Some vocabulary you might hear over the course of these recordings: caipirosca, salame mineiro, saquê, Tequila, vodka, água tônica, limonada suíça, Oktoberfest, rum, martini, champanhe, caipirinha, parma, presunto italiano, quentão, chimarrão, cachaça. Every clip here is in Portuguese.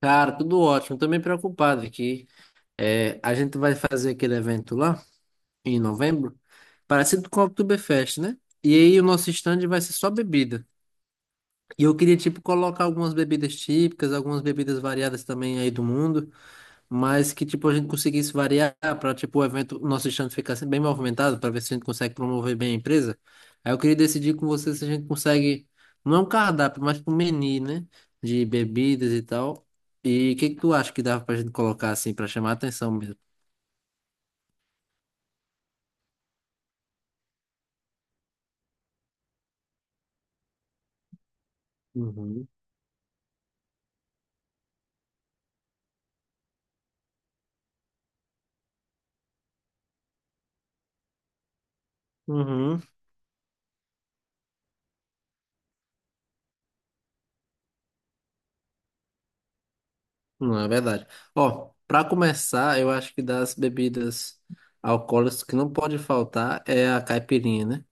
Cara, tudo ótimo. Tô meio preocupado aqui. É, a gente vai fazer aquele evento lá em novembro, parecido com o Oktoberfest, né? E aí o nosso stand vai ser só bebida. E eu queria, tipo, colocar algumas bebidas típicas, algumas bebidas variadas também aí do mundo, mas que tipo a gente conseguisse variar para tipo o evento, o nosso stand ficar sempre bem movimentado para ver se a gente consegue promover bem a empresa. Aí eu queria decidir com você se a gente consegue, não é um cardápio, mas um menu, né, de bebidas e tal. E o que que tu acha que dava pra gente colocar assim para chamar a atenção mesmo? Uhum. Uhum. Não, é verdade. Ó, para começar, eu acho que das bebidas alcoólicas que não pode faltar é a caipirinha, né?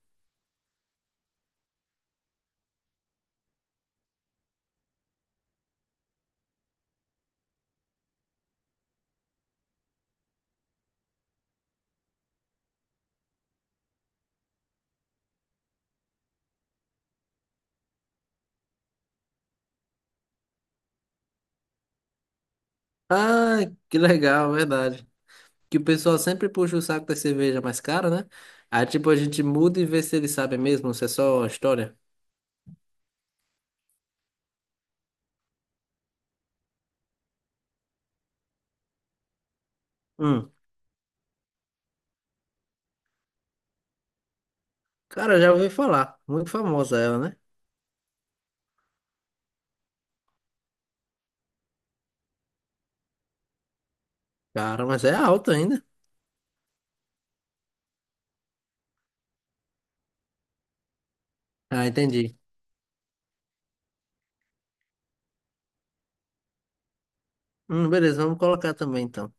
Ah, que legal, verdade. Que o pessoal sempre puxa o saco da cerveja mais cara, né? Aí, tipo, a gente muda e vê se eles sabem mesmo, se é só uma história. Hum, Cara, já ouvi falar. Muito famosa ela, né? Cara, mas é alta ainda. Ah, entendi. Beleza, vamos colocar também, então.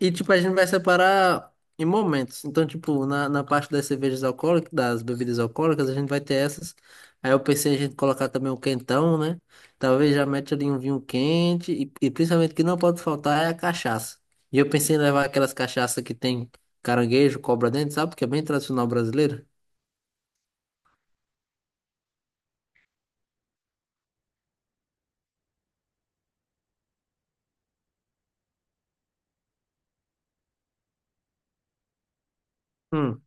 E, tipo, a gente vai separar em momentos. Então, tipo, na parte das cervejas alcoólicas, das bebidas alcoólicas, a gente vai ter essas. Aí eu pensei em a gente colocar também um quentão, né? Talvez já mete ali um vinho quente. E principalmente o que não pode faltar é a cachaça. E eu pensei em levar aquelas cachaças que tem caranguejo, cobra dentro, sabe? Porque é bem tradicional brasileiro. Hum,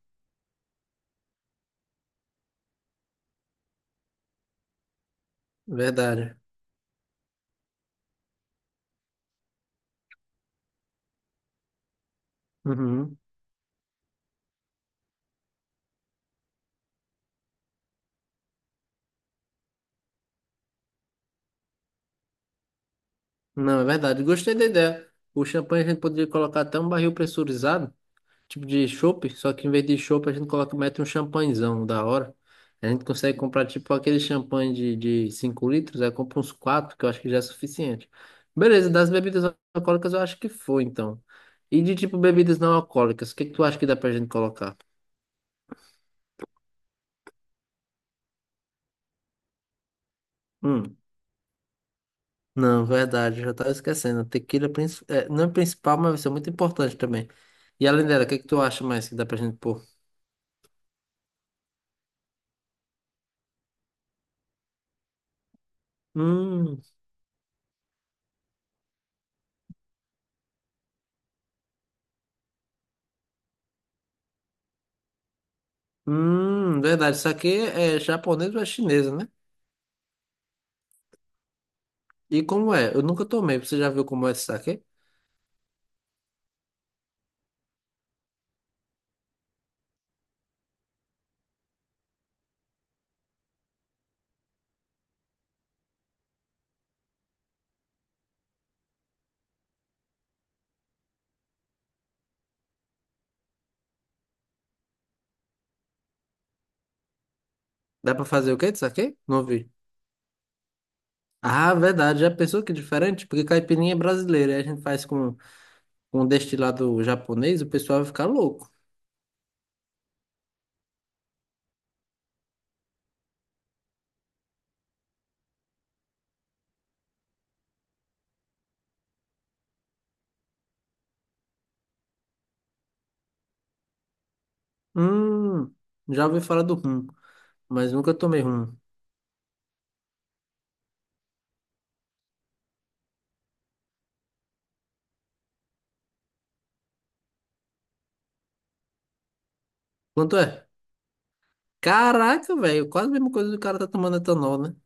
verdade. Uhum. Não, é verdade. Gostei da ideia. O champanhe a gente poderia colocar até um barril pressurizado. Tipo de chopp, só que em vez de chopp a gente coloca, mete um champanhezão da hora. A gente consegue comprar tipo aquele champanhe de, 5 litros, aí compra uns 4 que eu acho que já é suficiente. Beleza, das bebidas alcoólicas eu acho que foi então. E de tipo bebidas não alcoólicas, o que que tu acha que dá pra gente colocar? Hum, não, verdade, eu já tava esquecendo. A Tequila é, não é principal, mas vai ser muito importante também. E além dela, o que que tu acha mais que dá pra gente pôr? Hum, verdade, isso aqui é japonês ou é chinesa, né? E como é? Eu nunca tomei. Você já viu como é esse saquê? Dá pra fazer o quê de saquê? Não vi. Ah, verdade. Já pensou que é diferente? Porque caipirinha é brasileira. Aí a gente faz com um destilado japonês, o pessoal vai ficar louco. Hum, Já ouvi falar do rum, mas nunca tomei rum. Quanto é? Caraca, velho. Quase a mesma coisa que o cara tá tomando etanol, né?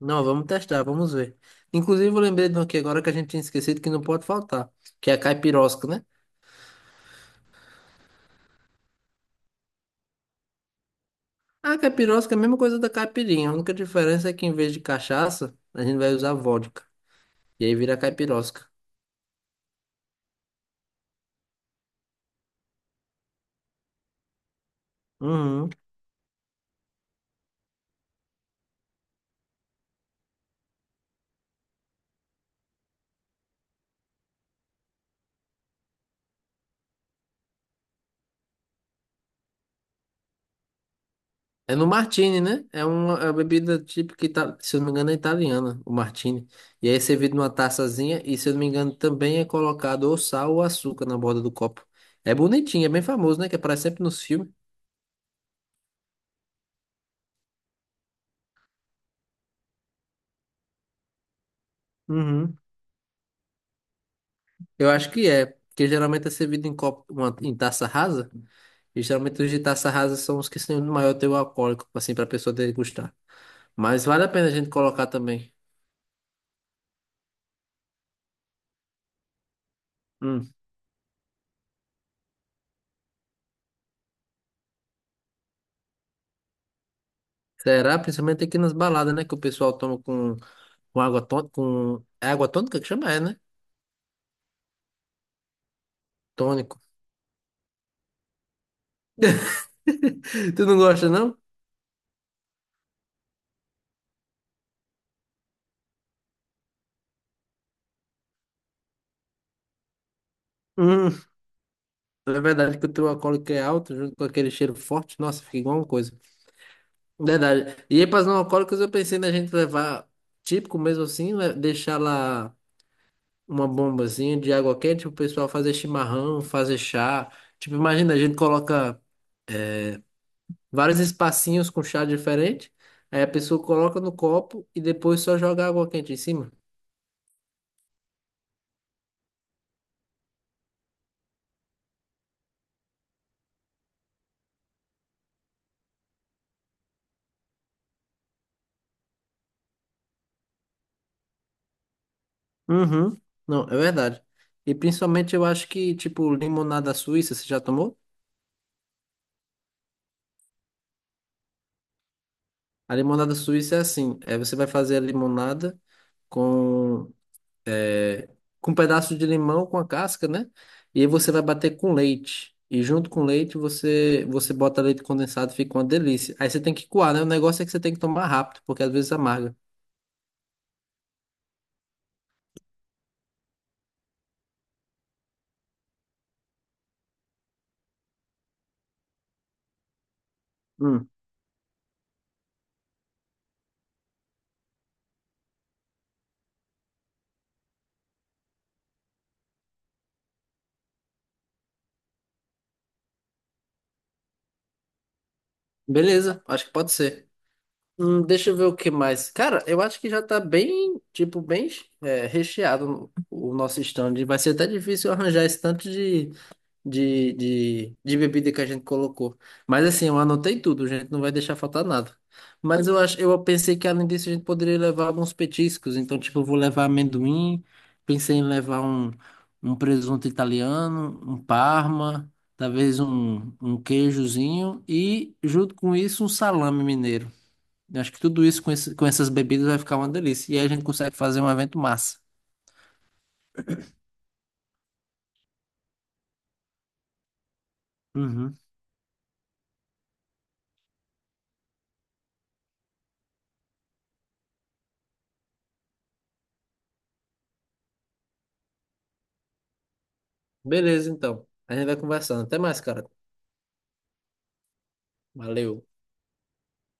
Não, vamos testar, vamos ver. Inclusive, eu lembrei de um aqui agora que a gente tinha esquecido que não pode faltar, que é a caipirosca, né? A capirosca é a mesma coisa da caipirinha. A única diferença é que em vez de cachaça, a gente vai usar vodka. E aí vira capirosca. Uhum. É no martini, né? É uma bebida típica, se eu não me engano, é italiana, o martini. E aí é servido numa taçazinha e, se eu não me engano, também é colocado ou sal ou açúcar na borda do copo. É bonitinho, é bem famoso, né? Que aparece sempre nos filmes. Uhum. Eu acho que é, porque geralmente é servido em copo, em taça rasa. E geralmente os de taça rasa são os que têm o maior teor alcoólico, assim, pra pessoa degustar. Mas vale a pena a gente colocar também. Hum. Será? Principalmente aqui nas baladas, né? Que o pessoal toma com, água tônica. É água tônica que chama? É, né? Tônico. Tu não gosta, não? Hum. É verdade que o teu alcoólico é alto, junto com aquele cheiro forte. Nossa, fica igual uma coisa. Verdade. E aí, para os não alcoólicos, eu pensei na gente levar, típico mesmo assim, deixar lá uma bombazinha de água quente, o pessoal fazer chimarrão, fazer chá. Tipo, imagina, a gente coloca, vários espacinhos com chá diferente. Aí a pessoa coloca no copo e depois só joga água quente em cima. Uhum. Não, é verdade. E principalmente eu acho que, tipo, limonada suíça, você já tomou? A limonada suíça é assim, é você vai fazer a limonada com, com um pedaço de limão com a casca, né? E aí você vai bater com leite. E junto com leite você bota leite condensado, fica uma delícia. Aí você tem que coar, né? O negócio é que você tem que tomar rápido, porque às vezes amarga. Hum. Beleza, acho que pode ser. Deixa eu ver o que mais. Cara, eu acho que já tá bem, tipo, bem, recheado o nosso stand. Vai ser até difícil arranjar esse tanto de, de bebida que a gente colocou. Mas assim, eu anotei tudo, gente. Não vai deixar faltar nada. Mas eu pensei que além disso a gente poderia levar alguns petiscos. Então, tipo, eu vou levar amendoim. Pensei em levar um, um, presunto italiano, um parma, talvez um queijozinho e, junto com isso, um salame mineiro. Eu acho que tudo isso com essas bebidas vai ficar uma delícia. E aí a gente consegue fazer um evento massa. Uhum. Beleza, então. A gente vai conversando. Até mais, cara. Valeu.